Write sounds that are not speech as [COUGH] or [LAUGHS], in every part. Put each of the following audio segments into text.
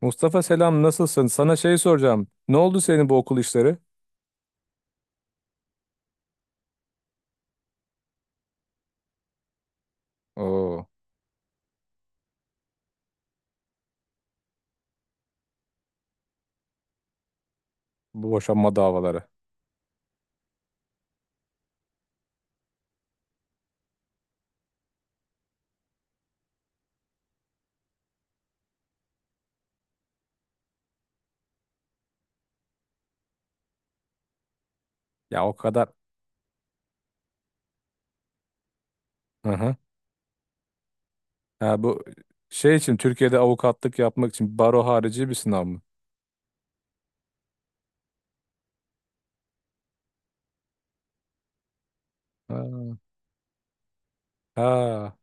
Mustafa selam nasılsın? Sana şey soracağım. Ne oldu senin bu okul işleri? Oo, bu boşanma davaları. Ya o kadar. Hı hı. Ha, bu şey için Türkiye'de avukatlık yapmak için baro harici bir sınav mı? Ha. Ha.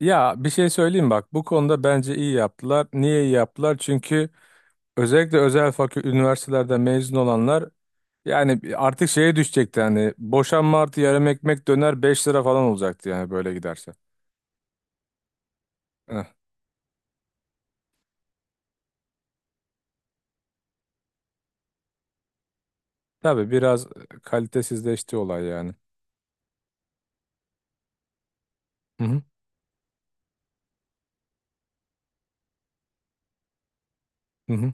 Ya bir şey söyleyeyim bak, bu konuda bence iyi yaptılar. Niye iyi yaptılar? Çünkü özellikle özel fakülte üniversitelerden mezun olanlar, yani artık şeye düşecekti, hani boşanma artı yarım ekmek döner 5 lira falan olacaktı yani, böyle giderse. Tabii biraz kalitesizleşti olay yani. Hı hı. Hı hı.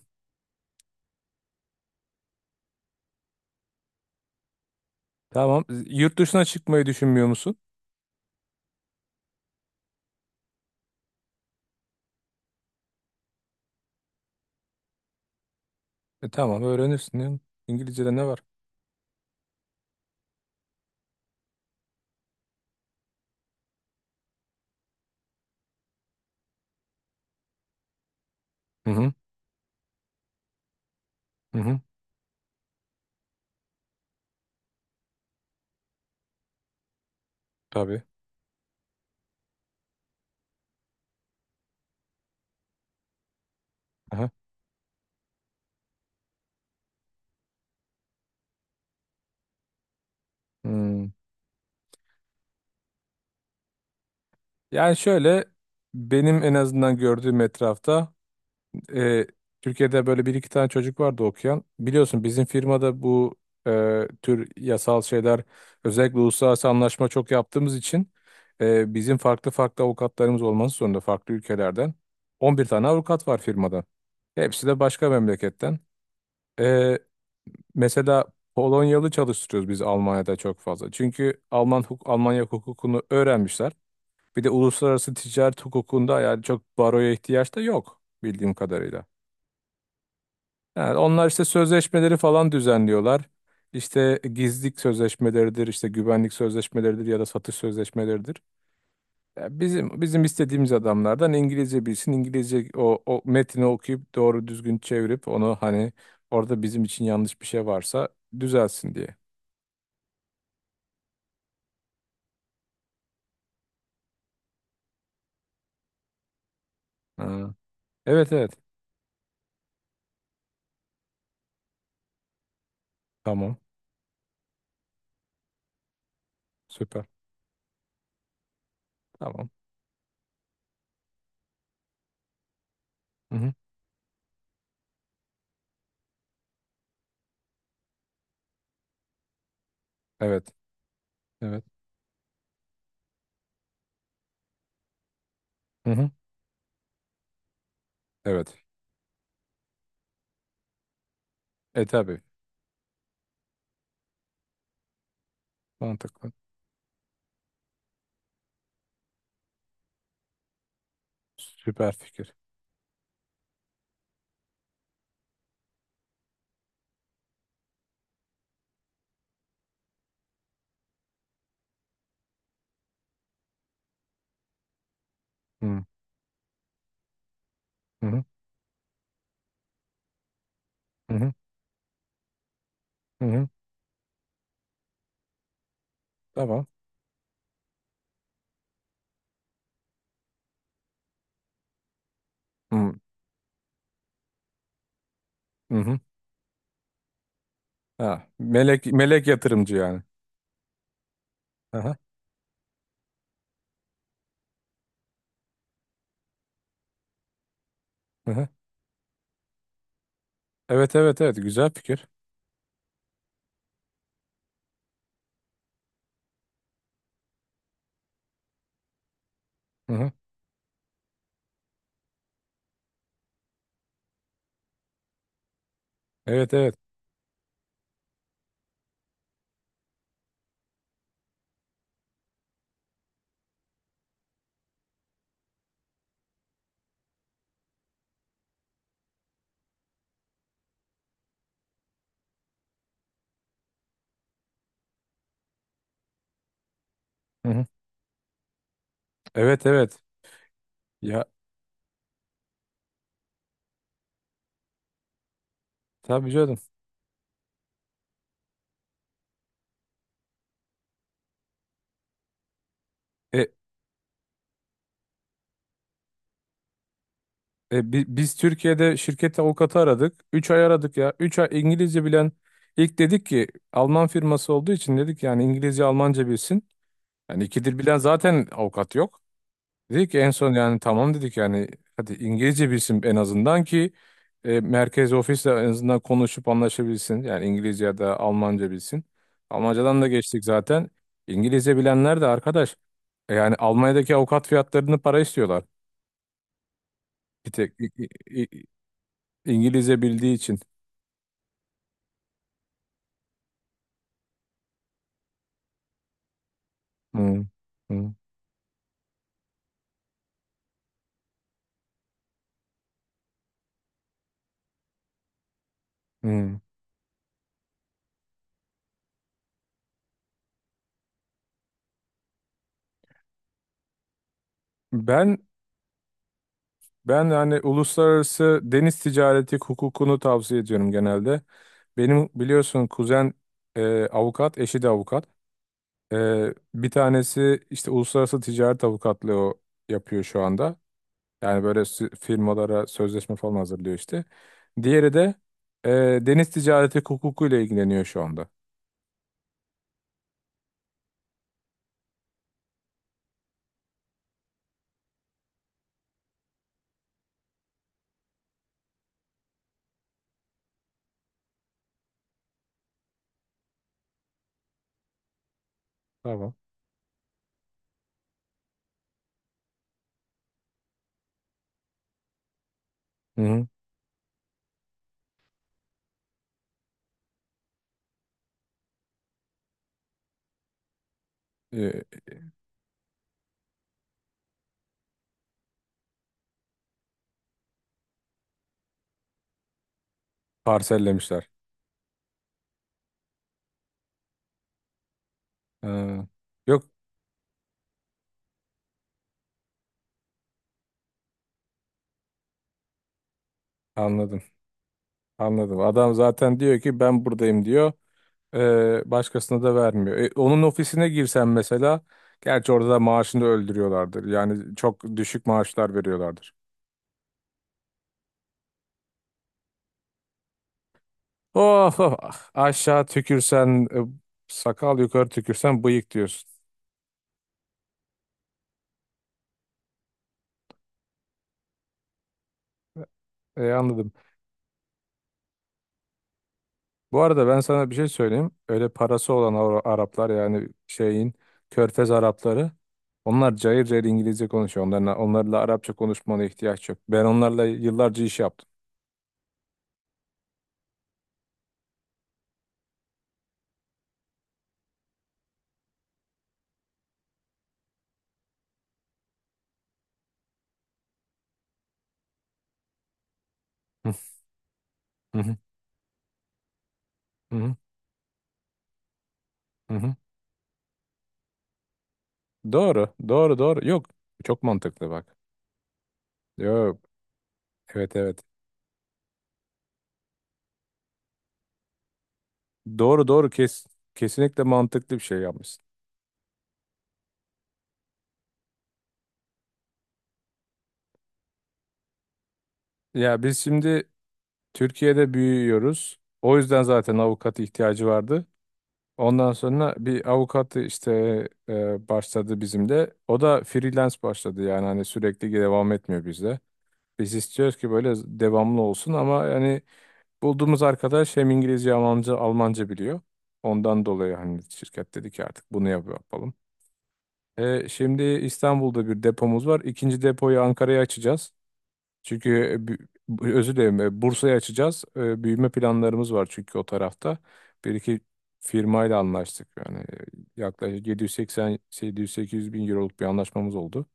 Tamam. Yurt dışına çıkmayı düşünmüyor musun? E tamam, öğrenirsin ya. İngilizce'de ne var? Hı hı. Hı hı. Tabii. Aha. Hmm. Yani şöyle, benim en azından gördüğüm etrafta, e, Türkiye'de böyle bir iki tane çocuk vardı okuyan. Biliyorsun bizim firmada bu tür yasal şeyler, özellikle uluslararası anlaşma çok yaptığımız için bizim farklı farklı avukatlarımız olması zorunda farklı ülkelerden. 11 tane avukat var firmada. Hepsi de başka memleketten. E, mesela Polonyalı çalıştırıyoruz biz Almanya'da çok fazla. Çünkü Almanya hukukunu öğrenmişler. Bir de uluslararası ticaret hukukunda yani çok baroya ihtiyaç da yok bildiğim kadarıyla. Yani onlar işte sözleşmeleri falan düzenliyorlar. İşte gizlilik sözleşmeleridir, işte güvenlik sözleşmeleridir ya da satış sözleşmeleridir. Ya bizim istediğimiz adamlardan İngilizce bilsin, İngilizce o metni okuyup doğru düzgün çevirip onu, hani orada bizim için yanlış bir şey varsa düzelsin diye. Ha. Evet, evet. Tamam. Süper. Tamam. Hı hı. Evet. Evet. Hı hı. Evet. E tabii. Mantıklı. Süper fikir. Hı hı. Hı hı. Hı hı. Tamam. Hı hı. Ha, melek yatırımcı yani. Aha, aha. Evet, evet, evet, güzel fikir. Hı hı. Evet, evet. Hı hı. Evet, evet. Ya tabii canım. E, biz Türkiye'de şirket avukatı aradık. 3 ay aradık ya. 3 ay İngilizce bilen, ilk dedik ki Alman firması olduğu için, dedik yani İngilizce Almanca bilsin. Yani iki dil bilen zaten avukat yok. Dedik ki en son yani tamam dedik yani, hadi İngilizce bilsin en azından ki merkez ofisle en azından konuşup anlaşabilsin. Yani İngilizce ya da Almanca bilsin. Almancadan da geçtik zaten. İngilizce bilenler de arkadaş, yani Almanya'daki avukat fiyatlarını para istiyorlar. Bir tek İ- İ- İngilizce bildiği için. Hı, hı, hı. Ben ben yani uluslararası deniz ticareti hukukunu tavsiye ediyorum genelde. Benim biliyorsun kuzen avukat, eşi de avukat. Bir tanesi işte uluslararası ticaret avukatlığı o yapıyor şu anda. Yani böyle firmalara sözleşme falan hazırlıyor işte. Diğeri de e, deniz ticareti hukukuyla ilgileniyor şu anda. Tamam. Hı hı. Ee, Parsellemişler. Ha, yok, anladım. Anladım. Adam zaten diyor ki ben buradayım diyor. Başkasına da vermiyor. Onun ofisine girsen mesela, gerçi orada da maaşını öldürüyorlardır. Yani çok düşük maaşlar veriyorlardır. Oh, oh, ah. Aşağı tükürsen sakal, yukarı tükürsen bıyık diyorsun. Anladım. Bu arada ben sana bir şey söyleyeyim. Öyle parası olan Araplar, yani şeyin Körfez Arapları, onlar cayır cayır İngilizce konuşuyor. Onlarla Arapça konuşmana ihtiyaç yok. Ben onlarla yıllarca iş yaptım. [LAUGHS] Hı hı. Hı hı. Doğru, doğru, doğru. Yok, çok mantıklı bak. Yok, evet, evet. Doğru, doğru. Kesinlikle mantıklı bir şey yapmışsın. Ya biz şimdi Türkiye'de büyüyoruz. O yüzden zaten avukat ihtiyacı vardı. Ondan sonra bir avukat işte başladı bizim de. O da freelance başladı yani, hani sürekli devam etmiyor bizde. Biz istiyoruz ki böyle devamlı olsun ama yani bulduğumuz arkadaş hem İngilizce, Almanca biliyor. Ondan dolayı hani şirket dedi ki artık bunu yapalım. Şimdi İstanbul'da bir depomuz var. İkinci depoyu Ankara'ya açacağız. Çünkü özür dilerim, Bursa'ya açacağız. Büyüme planlarımız var çünkü o tarafta. Bir iki firmayla anlaştık. Yani yaklaşık 780 700-800 bin euroluk bir anlaşmamız oldu.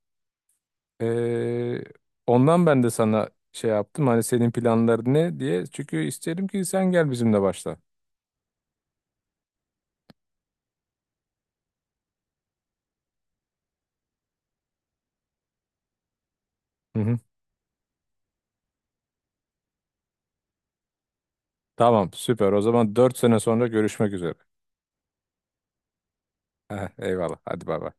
E, ondan ben de sana şey yaptım. Hani senin planların ne diye. Çünkü isterim ki sen gel bizimle başla. Hı hı. Tamam, süper. O zaman 4 sene sonra görüşmek üzere. [LAUGHS] Eyvallah. Hadi bay bay.